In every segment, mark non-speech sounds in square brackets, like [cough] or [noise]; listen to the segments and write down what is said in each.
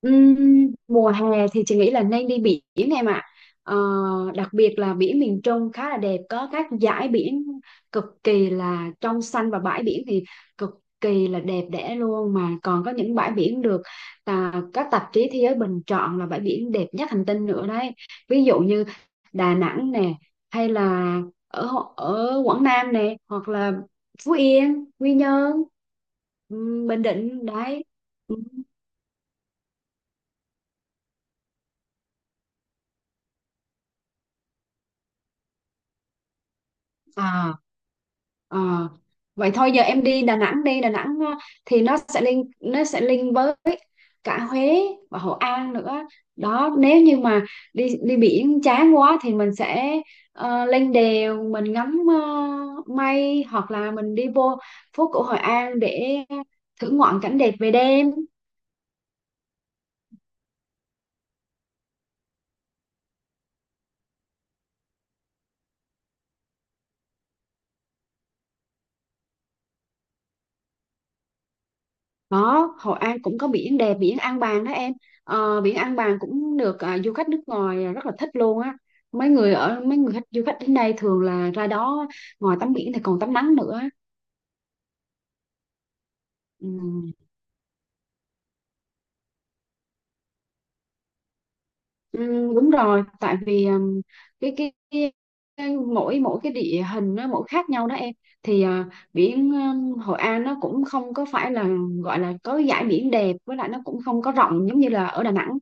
Ừm, Mùa hè thì chị nghĩ là nên đi biển em ạ. Ờ, Đặc biệt là biển miền Trung khá là đẹp, có các dải biển cực kỳ là trong xanh và bãi biển thì cực kỳ là đẹp đẽ luôn, mà còn có những bãi biển được các tạp chí thế giới bình chọn là bãi biển đẹp nhất hành tinh nữa đấy. Ví dụ như Đà Nẵng nè, hay là ở Quảng Nam nè, hoặc là Phú Yên, Quy Nhơn, Bình Định đấy. Ừm. À, Ờ, Vậy thôi giờ em đi Đà Nẵng, đi Đà Nẵng, thì nó sẽ link với cả Huế và Hội An nữa đó. Nếu như mà đi đi biển chán quá thì mình sẽ lên đèo mình ngắm mây, hoặc là mình đi vô phố cổ Hội An để thưởng ngoạn cảnh đẹp về đêm. Có, Hội An cũng có biển đẹp, biển An Bàng đó em. Biển An Bàng cũng được, du khách nước ngoài rất là thích luôn á. Mấy người khách du khách đến đây thường là ra đó, ngoài tắm biển thì còn tắm nắng nữa. Ừ. Ừ, đúng rồi, tại vì cái, cái cái cái mỗi mỗi cái địa hình nó mỗi khác nhau đó em. Thì biển Hội An nó cũng không có phải là gọi là có dải biển đẹp, với lại nó cũng không có rộng giống như là ở Đà Nẵng.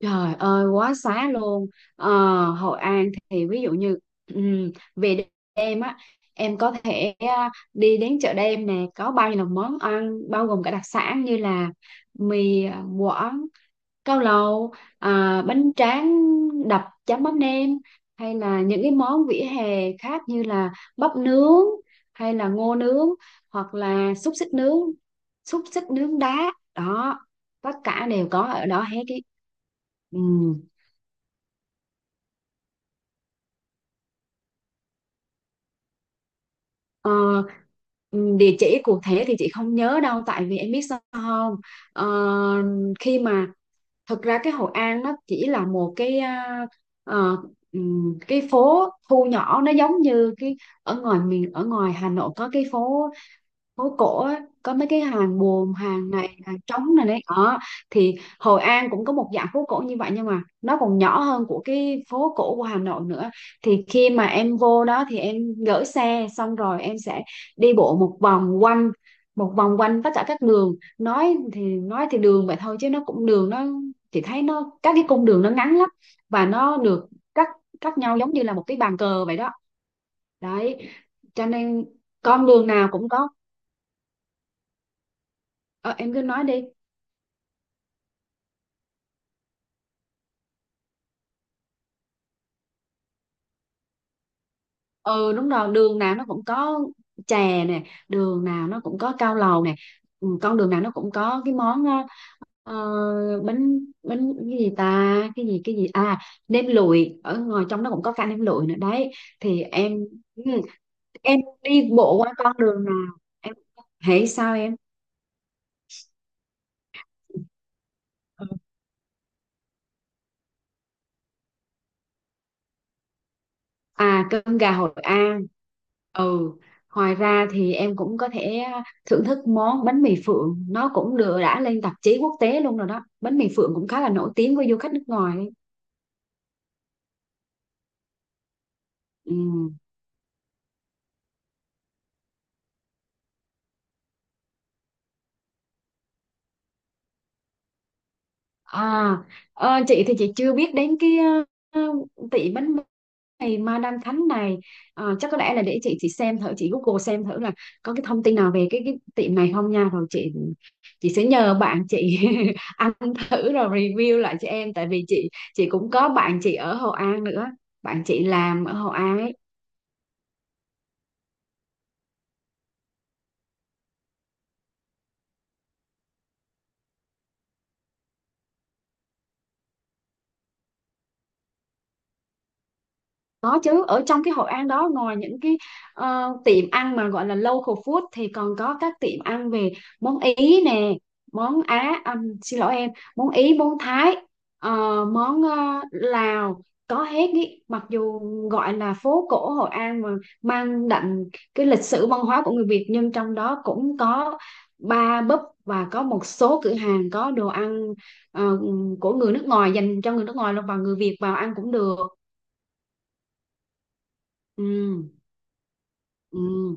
Trời ơi quá xá luôn! ờ, Hội An thì ví dụ như về đêm á, em có thể đi đến chợ đêm nè, có bao nhiêu là món ăn bao gồm cả đặc sản như là mì quảng, cao lầu, bánh tráng đập chấm mắm nêm, hay là những cái món vỉa hè khác như là bắp nướng, hay là ngô nướng, hoặc là xúc xích nướng, xúc xích nướng đá đó, tất cả đều có ở đó hết cái. Ừ. Ờ, ừ, Địa chỉ cụ thể thì chị không nhớ đâu, tại vì em biết sao không. Ờ, Khi mà thực ra cái Hội An nó chỉ là một cái, ờ, cái phố thu nhỏ nó giống như cái ở ngoài Hà Nội có cái phố phố cổ á, có mấy cái hàng buồm, hàng này, hàng trống này đấy đó. Thì Hội An cũng có một dạng phố cổ như vậy, nhưng mà nó còn nhỏ hơn của cái phố cổ của Hà Nội nữa. Thì khi mà em vô đó thì em gửi xe xong, rồi em sẽ đi bộ một vòng quanh, tất cả các đường. Nói thì đường vậy thôi, chứ nó cũng đường nó, chị thấy nó các cái cung đường nó ngắn lắm, và nó được cắt cắt nhau giống như là một cái bàn cờ vậy đó đấy, cho nên con đường nào cũng có. Ờ, em cứ nói đi. Ừ, đúng rồi, đường nào nó cũng có chè nè, đường nào nó cũng có cao lầu nè, con đường nào nó cũng có cái món bánh bánh cái gì ta, cái gì cái gì, nem lụi, ở ngoài trong nó cũng có cả nem lụi nữa đấy. Thì em, ừ, em đi bộ qua con đường nào? Em hãy sao em? À, cơm gà Hội An. Ừ, ngoài ra thì em cũng có thể thưởng thức món bánh mì Phượng, nó cũng được đã lên tạp chí quốc tế luôn rồi đó. Bánh mì Phượng cũng khá là nổi tiếng với du khách nước ngoài. Ừ. À, chị thì chị chưa biết đến cái, tỷ bánh này, Madam Thánh này. Chắc có lẽ là để chị xem thử, chị Google xem thử là có cái thông tin nào về cái tiệm này không nha, rồi chị sẽ nhờ bạn chị [laughs] ăn thử rồi review lại cho em, tại vì chị cũng có bạn chị ở Hội An nữa, bạn chị làm ở Hội An ấy. Có chứ, ở trong cái Hội An đó, ngoài những cái tiệm ăn mà gọi là local food thì còn có các tiệm ăn về món Ý nè, món Á, xin lỗi em, món Ý, món Thái, ờ, món Lào, có hết ý. Mặc dù gọi là phố cổ Hội An mà mang đậm cái lịch sử văn hóa của người Việt, nhưng trong đó cũng có bar, pub, và có một số cửa hàng có đồ ăn ờ, của người nước ngoài dành cho người nước ngoài luôn, và người Việt vào ăn cũng được. Ừ. Ừ.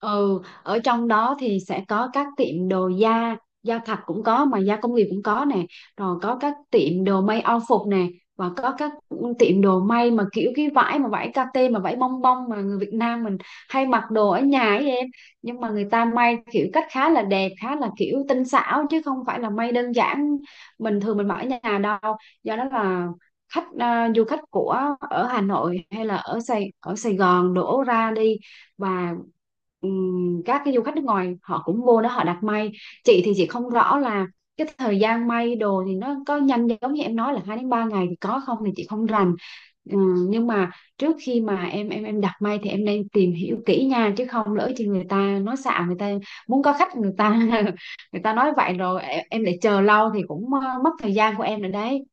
ừ Ở trong đó thì sẽ có các tiệm đồ da, da thật cũng có mà da công nghiệp cũng có nè, rồi có các tiệm đồ may âu phục nè, và có các tiệm đồ may mà kiểu cái vải mà vải kate mà vải bông bông mà người Việt Nam mình hay mặc đồ ở nhà ấy em. Nhưng mà người ta may kiểu cách khá là đẹp, khá là kiểu tinh xảo, chứ không phải là may đơn giản bình thường mình mặc ở nhà đâu. Do đó là khách, du khách của ở Hà Nội hay là ở Sài Gòn đổ ra đi. Và các cái du khách nước ngoài họ cũng vô đó họ đặt may. Chị thì chị không rõ là cái thời gian may đồ thì nó có nhanh giống như em nói là 2 đến 3 ngày thì có không, thì chị không rành. Nhưng mà trước khi mà em đặt may thì em nên tìm hiểu kỹ nha, chứ không lỡ thì người ta nói xạo, người ta muốn có khách, người ta [laughs] người ta nói vậy rồi em lại chờ lâu thì cũng mất thời gian của em nữa đấy.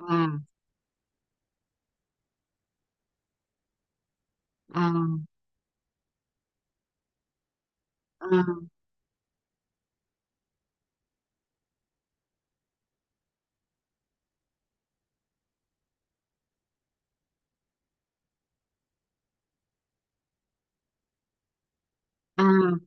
à à à à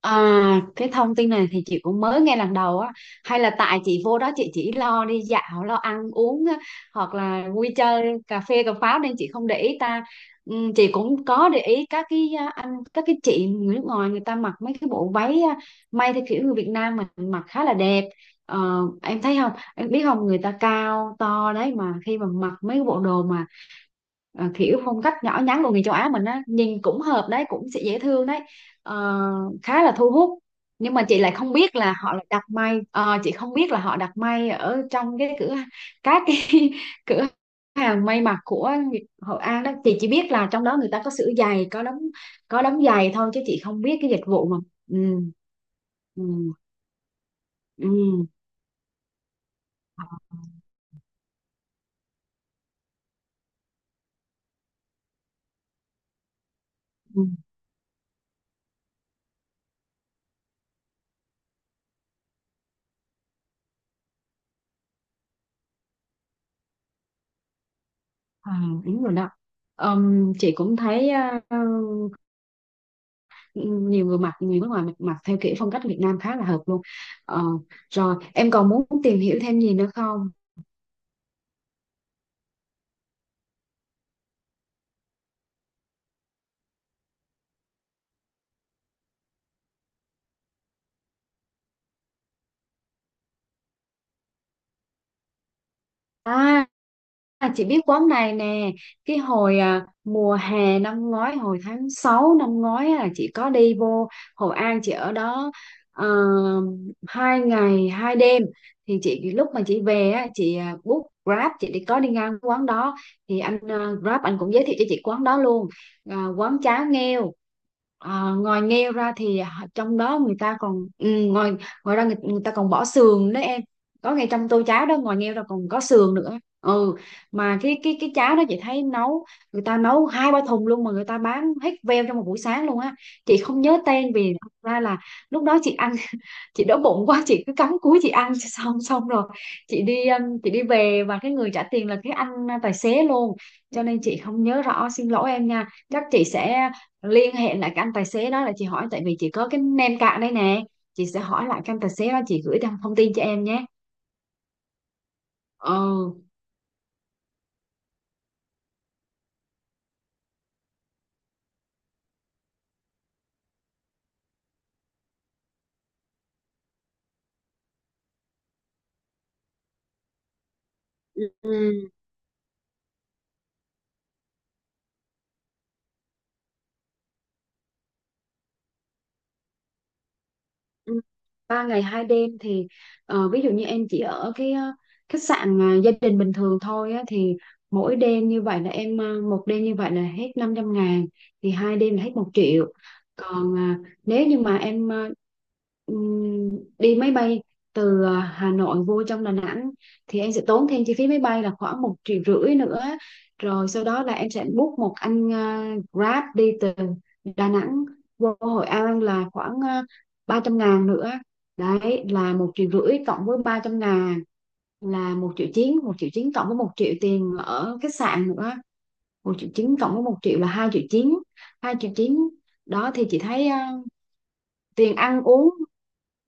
Cái thông tin này thì chị cũng mới nghe lần đầu á, hay là tại chị vô đó chị chỉ lo đi dạo lo ăn uống á, hoặc là vui chơi cà phê cà pháo nên chị không để ý ta. Chị cũng có để ý các cái anh các cái chị người nước ngoài, người ta mặc mấy cái bộ váy may theo kiểu người Việt Nam mình mặc khá là đẹp. Em thấy không, em biết không, người ta cao to đấy mà khi mà mặc mấy cái bộ đồ mà kiểu phong cách nhỏ nhắn của người châu Á mình á, nhìn cũng hợp đấy, cũng sẽ dễ thương đấy, ờ, khá là thu hút. Nhưng mà chị lại không biết là họ là đặt may. Ờ, chị không biết là họ đặt may ở trong cái các cái [laughs] cửa hàng may mặc của Hội An đó. Chị chỉ biết là trong đó người ta có sửa giày, có đóng giày thôi, chứ chị không biết cái dịch vụ mà. Ừ ừ. Ừ. ừ, ừ, đúng rồi đó. Chị cũng thấy ờ, nhiều người mặc, người nước ngoài mặc theo kiểu phong cách Việt Nam khá là hợp luôn. Ờ, Rồi em còn muốn tìm hiểu thêm gì nữa không? À. À, chị biết quán này nè, cái hồi mùa hè năm ngoái, hồi tháng 6 năm ngoái là chị có đi vô Hội An, chị ở đó ờ, 2 ngày 2 đêm. Thì chị, lúc mà chị về á, chị book Grab chị đi, có đi ngang quán đó, thì anh Grab anh cũng giới thiệu cho chị quán đó luôn. À, quán cháo nghêu. Ngoài nghêu ra thì trong đó người ta còn, ngoài ngoài ra người ta còn bỏ sườn đấy em, có ngay trong tô cháo đó, ngoài nghêu ra còn có sườn nữa. Ừ. Mà cái cháo đó chị thấy nấu, người ta nấu 2 3 thùng luôn mà người ta bán hết veo trong một buổi sáng luôn á. Chị không nhớ tên vì thật ra là lúc đó chị ăn [laughs] chị đói bụng quá, chị cứ cắm cúi chị ăn [laughs] xong xong rồi chị đi, chị đi về, và cái người trả tiền là cái anh tài xế luôn, cho nên chị không nhớ rõ, xin lỗi em nha. Chắc chị sẽ liên hệ lại cái anh tài xế đó là chị hỏi, tại vì chị có cái name card đây nè, chị sẽ hỏi lại cái anh tài xế đó, chị gửi thông thông tin cho em nhé. Ừ. Ừ. Ừ, 3 ngày 2 đêm thì ví dụ như em chỉ ở cái khách sạn mà gia đình bình thường thôi á, thì mỗi đêm như vậy là em, một đêm như vậy là hết 500.000, thì hai đêm là hết 1.000.000. Còn nếu như mà em ừm, đi máy bay từ Hà Nội vô trong Đà Nẵng thì em sẽ tốn thêm chi phí máy bay là khoảng 1.500.000 nữa. Rồi sau đó là em sẽ book một anh Grab đi từ Đà Nẵng vô Hội An là khoảng 300.000 nữa. Đấy là 1.500.000 cộng với 300.000 là 1.900.000, 1.900.000 cộng với 1.000.000 tiền ở khách sạn nữa, 1.900.000 cộng với một triệu là 2.900.000. 2.900.000 đó thì chị thấy tiền ăn uống.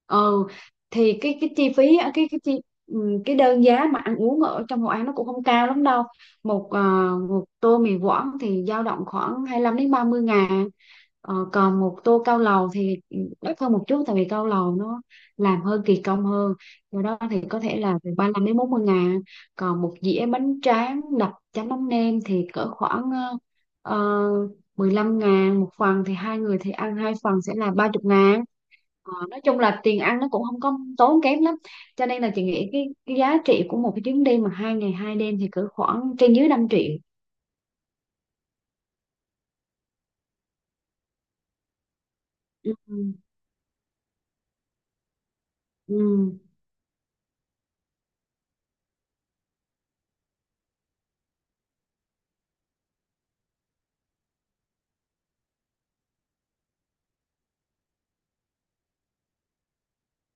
Ừ, thì cái chi phí á, cái đơn giá mà ăn uống ở trong Hội An nó cũng không cao lắm đâu. một ờ, Một tô mì Quảng thì dao động khoảng 25 đến 30 ngàn. Còn một tô cao lầu thì đắt hơn một chút, tại vì cao lầu nó làm hơi kỳ công hơn, do đó thì có thể là từ 35 đến 40 ngàn. Còn một dĩa bánh tráng đập chấm mắm nêm thì cỡ khoảng uh, 15 ngàn một phần, thì hai người thì ăn hai phần sẽ là 30 ngàn. Nói chung là tiền ăn nó cũng không có tốn kém lắm, cho nên là chị nghĩ cái giá trị của một cái chuyến đi mà 2 ngày 2 đêm thì cỡ khoảng trên dưới 5.000.000. Ừ. Ừ.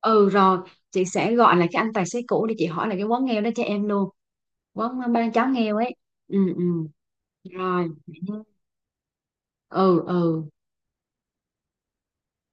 ừ Rồi chị sẽ gọi là cái anh tài xế cũ để chị hỏi là cái quán nghèo đó cho em luôn, quán ba cháo nghèo ấy. Ừ. Ừ. Rồi. Ừ. Ừ.